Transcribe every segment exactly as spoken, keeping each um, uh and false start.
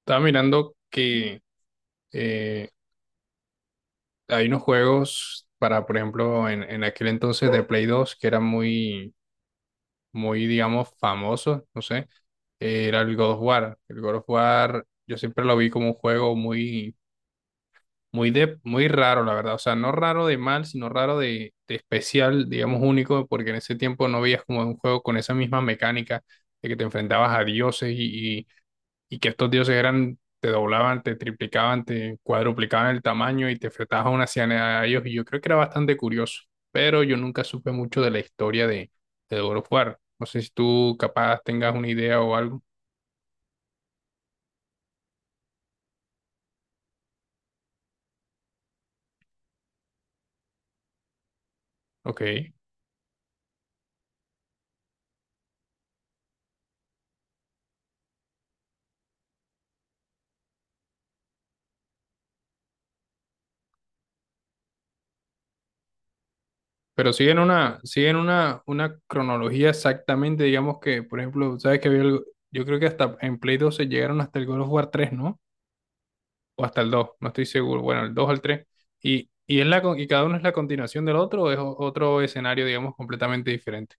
Estaba mirando que eh, hay unos juegos para, por ejemplo, en, en aquel entonces de Play dos que eran muy, muy, digamos, famosos, no sé, eh, era el God of War. El God of War yo siempre lo vi como un juego muy, muy, de, muy raro, la verdad. O sea, no raro de mal, sino raro de, de especial, digamos, único, porque en ese tiempo no veías como un juego con esa misma mecánica de que te enfrentabas a dioses y, y que estos dioses eran, te doblaban, te triplicaban, te cuadruplicaban el tamaño y te enfrentabas a una cianea a ellos. Y yo creo que era bastante curioso, pero yo nunca supe mucho de la historia de, de God of War. No sé si tú capaz tengas una idea o algo. Ok. Pero siguen una, siguen una, una cronología exactamente, digamos que, por ejemplo, sabes que había algo- yo creo que hasta en Play dos se llegaron hasta el God of War tres, ¿no? O hasta el dos no estoy seguro, bueno, el dos o el tres, y, y, es la, con- y cada uno es la continuación del otro o es o- otro escenario, digamos, completamente diferente.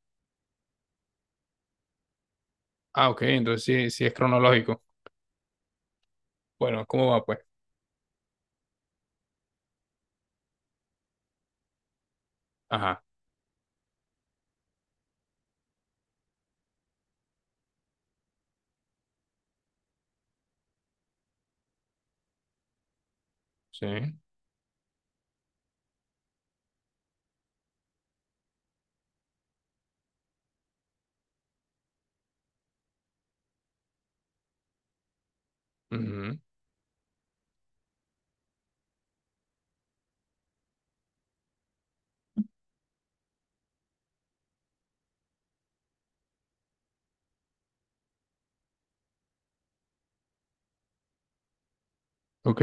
Ah, ok, entonces sí, sí es cronológico. Bueno, ¿cómo va pues? Ajá, sí. Ujú, ok,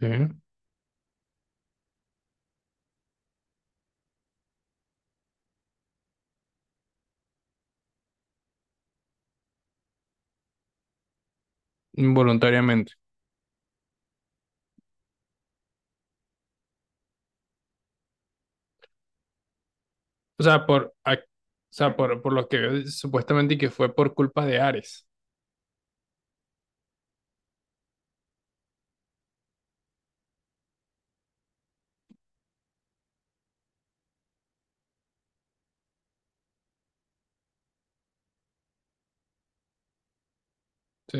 sí. Involuntariamente. O sea, por, ac- o sea, por, por lo que veo, supuestamente que fue por culpa de Ares. Sí,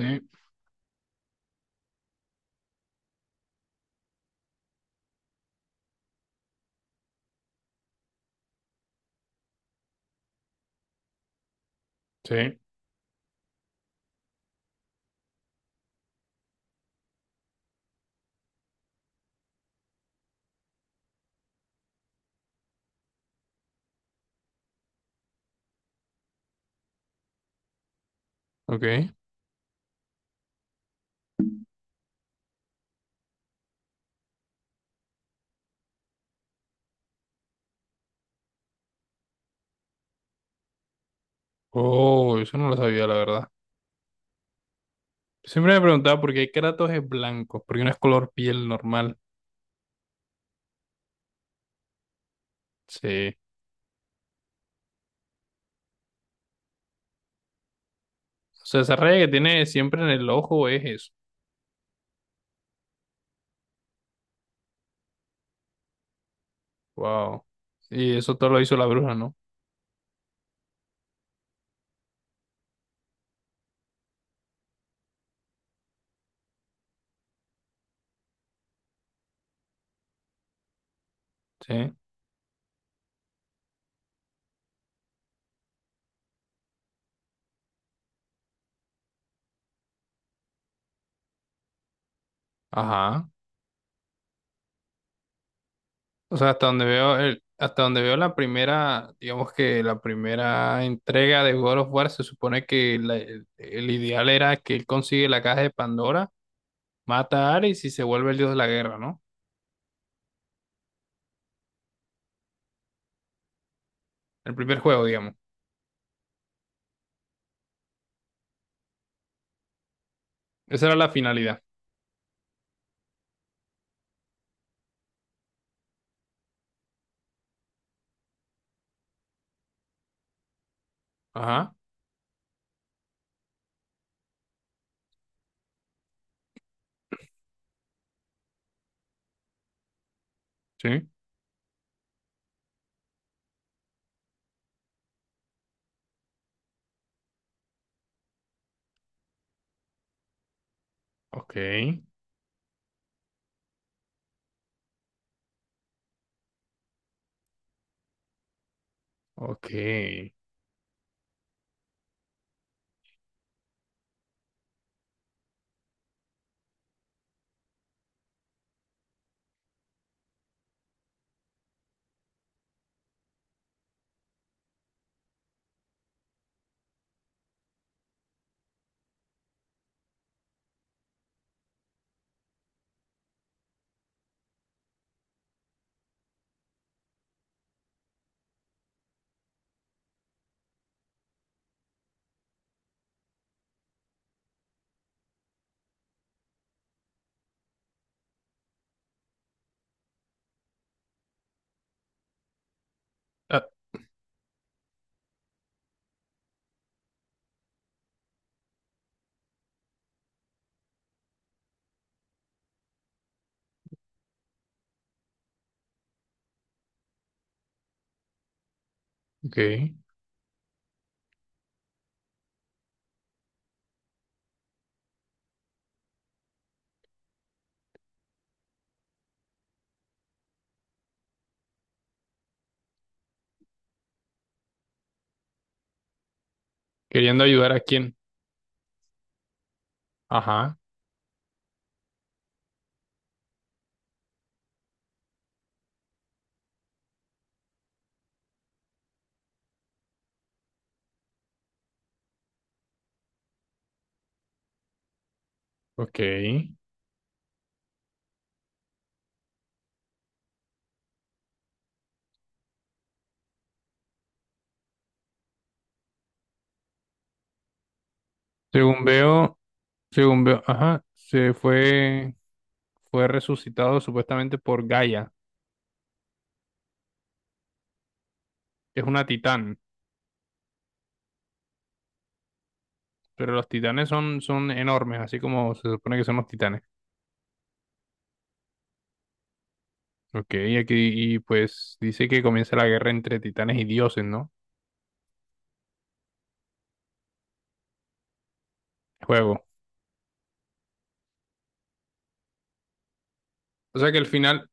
sí, ok. Oh, eso no lo sabía, la verdad. Siempre me preguntaba por qué Kratos es blanco, porque no es color piel normal. Sí. O sea, esa raya que tiene siempre en el ojo es eso. Wow. Y eso todo lo hizo la bruja, ¿no? Sí. Ajá. O sea, hasta donde veo el, hasta donde veo la primera, digamos que la primera entrega de God of War, se supone que la- el, el ideal era que él consigue la caja de Pandora, mata a Ares y se vuelve el dios de la guerra, ¿no? El primer juego, digamos. Esa era la finalidad. Ajá. Sí. Ok. Ok. Ah, ok. Queriendo ayudar a quién. Ajá. Ok. Según veo, según veo, ajá, se fue, fue resucitado supuestamente por Gaia, que es una titán, pero los titanes son, son enormes, así como se supone que son los titanes. Ok, y aquí, y pues dice que comienza la guerra entre titanes y dioses, ¿no? Juego. O sea que el final,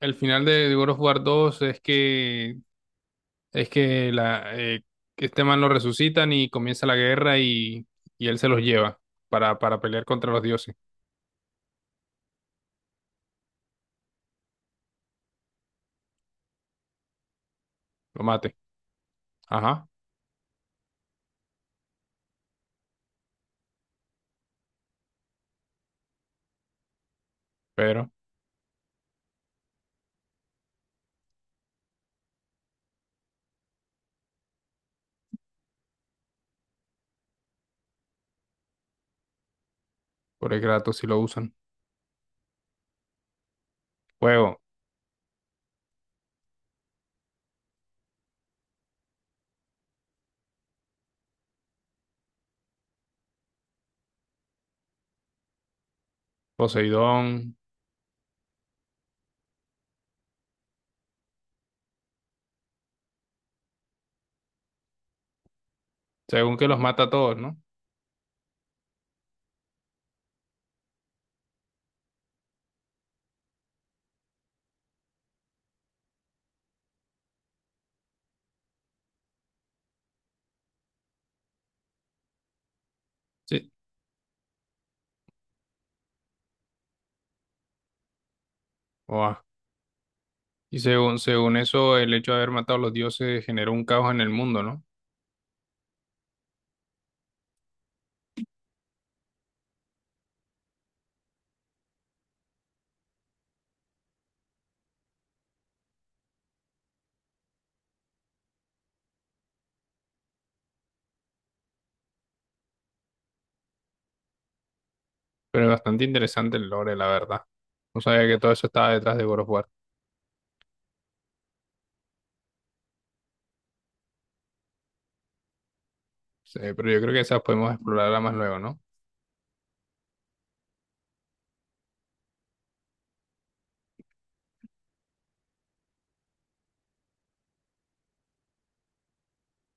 el final de, de God of War dos es que, es que la, eh, que este man lo resucitan y comienza la guerra y, y él se los lleva para, para pelear contra los dioses, lo mate. Ajá, pero... Pobre Kratos si lo usan. Fuego, Poseidón, según que los mata a todos, ¿no? Sí, oa. Y según, según eso, el hecho de haber matado a los dioses generó un caos en el mundo, ¿no? Pero es bastante interesante el lore, la verdad. No sabía que todo eso estaba detrás de God of War. Sí, pero yo creo que esas podemos explorarla más luego, ¿no?